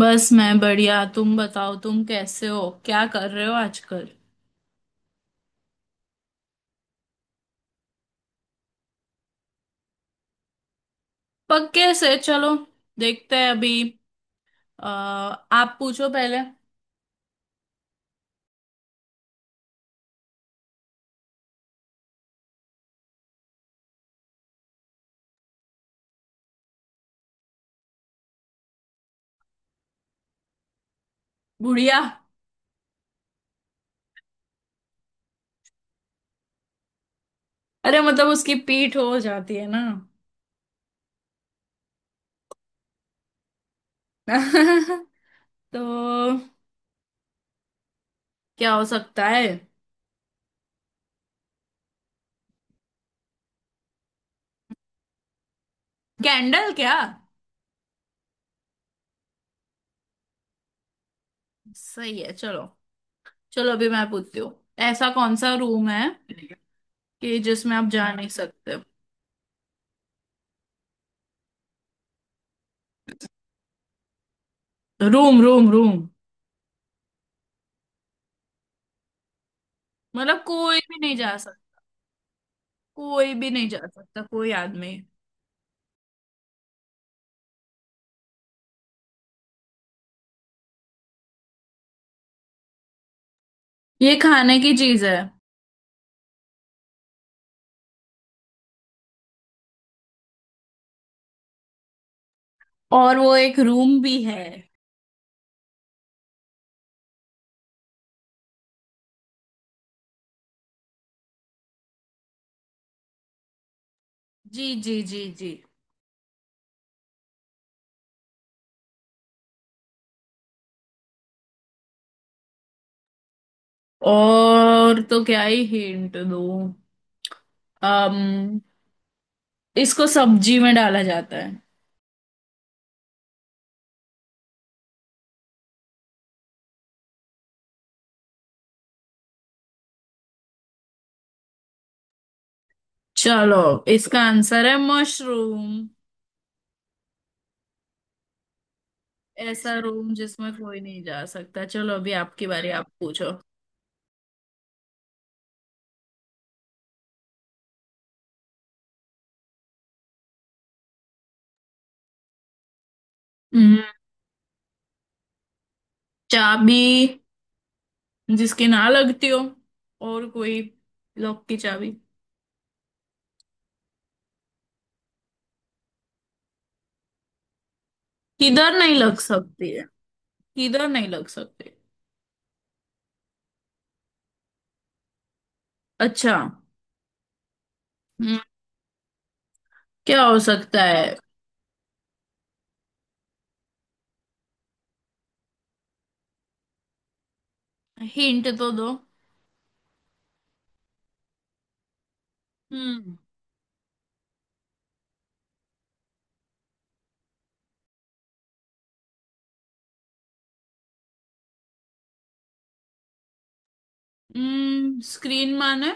बस, मैं बढ़िया। तुम बताओ, तुम कैसे हो? क्या कर रहे हो आजकल? पक्के से। चलो, देखते हैं अभी। अ, आप पूछो पहले। बुढ़िया। अरे मतलब उसकी पीठ हो जाती है ना। तो क्या हो सकता है? कैंडल क्या? सही है। चलो। चलो अभी मैं पूछती हूँ। ऐसा कौन सा रूम है कि जिसमें आप जा नहीं सकते? Room room room. मतलब कोई भी नहीं जा सकता। कोई भी नहीं जा सकता, कोई आदमी। ये खाने की चीज है और वो एक रूम भी है। जी जी जी जी। और तो क्या ही हिंट दूं। अम इसको सब्जी में डाला जाता है। चलो, इसका आंसर है मशरूम। ऐसा रूम जिसमें कोई नहीं जा सकता। चलो अभी आपकी बारी, आप पूछो। हम्म, चाबी। जिसकी ना लगती हो। और कोई। लॉक की चाबी। किधर नहीं लग सकती है? किधर नहीं लग सकती? अच्छा। हम्म। क्या हो सकता है? हिंट तो दो। हम्म। हम्म, स्क्रीन माने?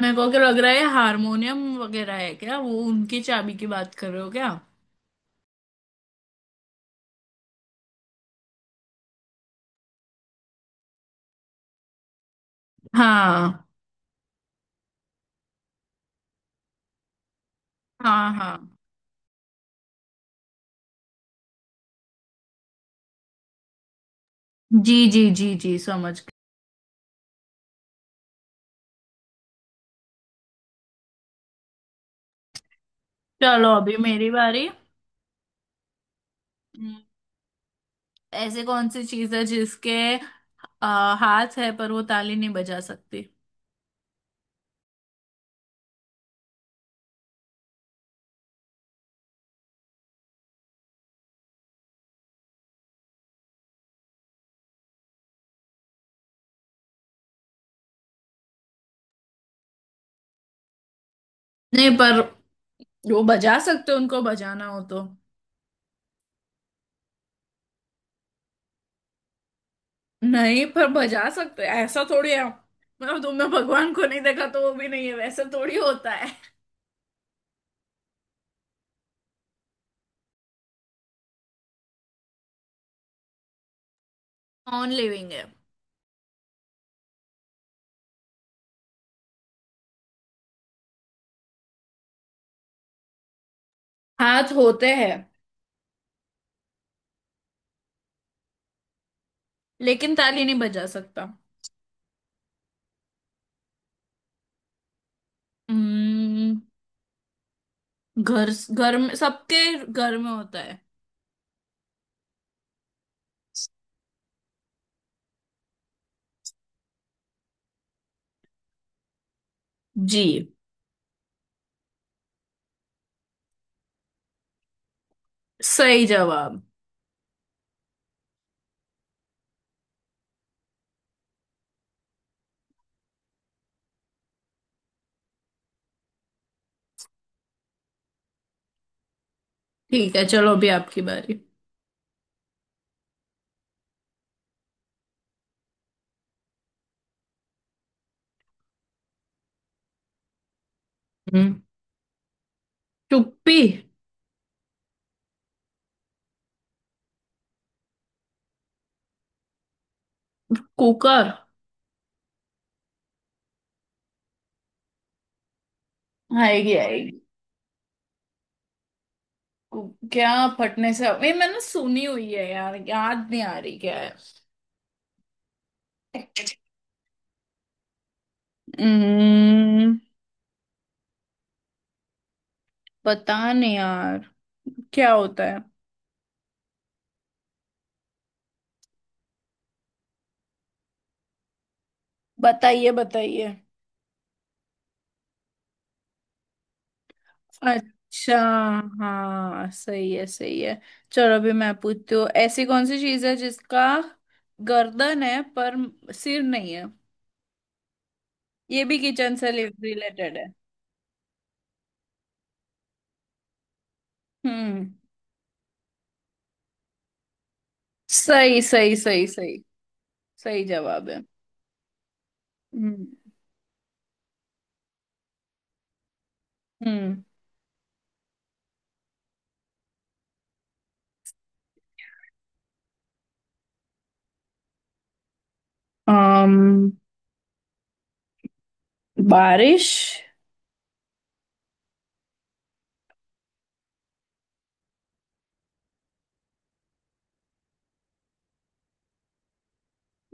मेरे को क्या लग रहा है, हारमोनियम वगैरह है क्या? वो उनकी चाबी की बात कर रहे हो क्या? हाँ हाँ हाँ। जी जी जी जी, समझ गई। चलो अभी मेरी बारी। हम्म, ऐसे कौन सी चीज है जिसके हाथ है पर वो ताली नहीं बजा सकती? नहीं, पर वो बजा सकते हैं, उनको बजाना हो तो। नहीं, पर बजा सकते ऐसा थोड़ी है, मतलब तुमने भगवान को नहीं देखा तो वो भी नहीं है वैसा थोड़ी होता है। नॉन लिविंग है। हाथ होते हैं। लेकिन ताली नहीं बजा सकता। हम्म। घर घर में, सबके घर में होता है। जी। सही जवाब। ठीक है। चलो अभी आपकी बारी। हम्म। चुप्पी। कुकर। आएगी आएगी। क्या? फटने से, ये मैंने सुनी हुई है यार, याद नहीं आ रही क्या है। हम्म, पता नहीं यार। क्या होता है? बताइए बताइए। अच्छा, हाँ सही है सही है। चलो अभी मैं पूछती हूँ। ऐसी कौन सी चीज है जिसका गर्दन है पर सिर नहीं है? ये भी किचन से रिलेटेड है। हम्म। सही सही सही सही। सही जवाब है। हम्म। हम्म। um, बारिश।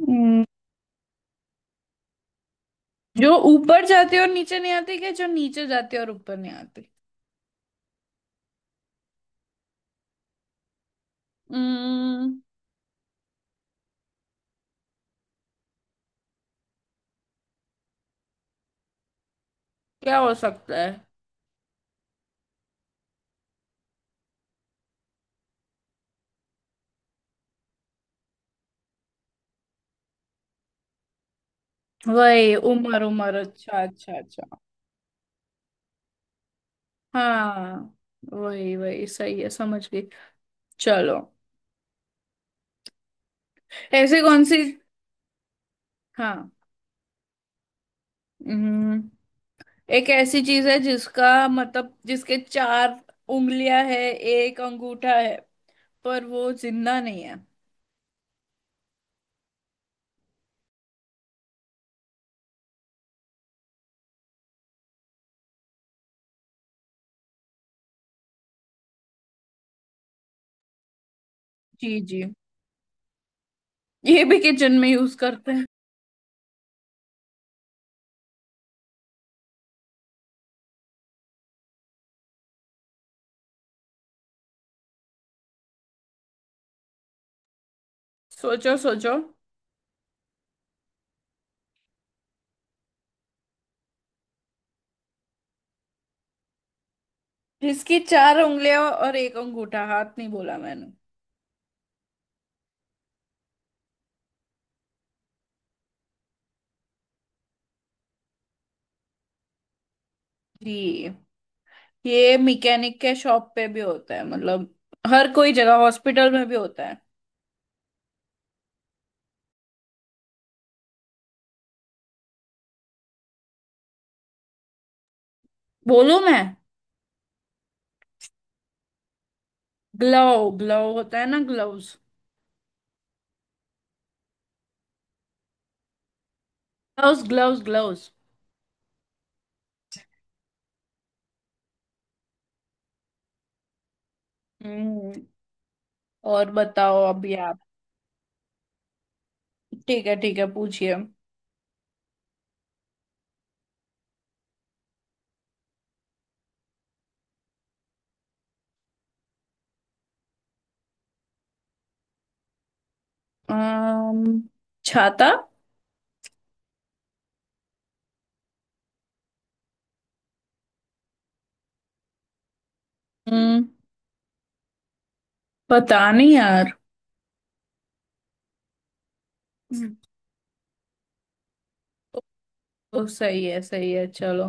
हम्म, जो ऊपर जाती है और नीचे नहीं आती, कि जो नीचे जाती है और ऊपर नहीं आती? हम्म। क्या हो सकता है? वही उम्र उम्र। अच्छा अच्छा अच्छा। हाँ वही वही, सही है, समझ गई। चलो। ऐसी कौन सी। हाँ। हम्म, एक ऐसी चीज है जिसका मतलब जिसके चार उंगलियां है, एक अंगूठा है, पर वो जिंदा नहीं है। जी जी। ये भी किचन में यूज करते हैं। सोचो सोचो। जिसकी चार उंगलियां और एक अंगूठा, हाथ नहीं बोला मैंने। जी। ये मैकेनिक के शॉप पे भी होता है, मतलब हर कोई जगह, हॉस्पिटल में भी होता है। बोलूं मैं? ग्लव, ग्लव होता है ना, ग्लव्स। Gloves gloves gloves. हम्म। और बताओ अभी आप। ठीक है ठीक है, पूछिए। अम्म छाता। हम्म, पता नहीं यार। हम्म, ओ, सही है सही है। चलो।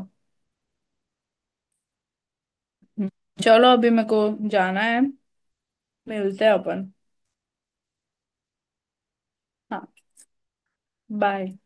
हम्म, चलो अभी मेरे को जाना है। मिलते हैं अपन। हाँ, बाय।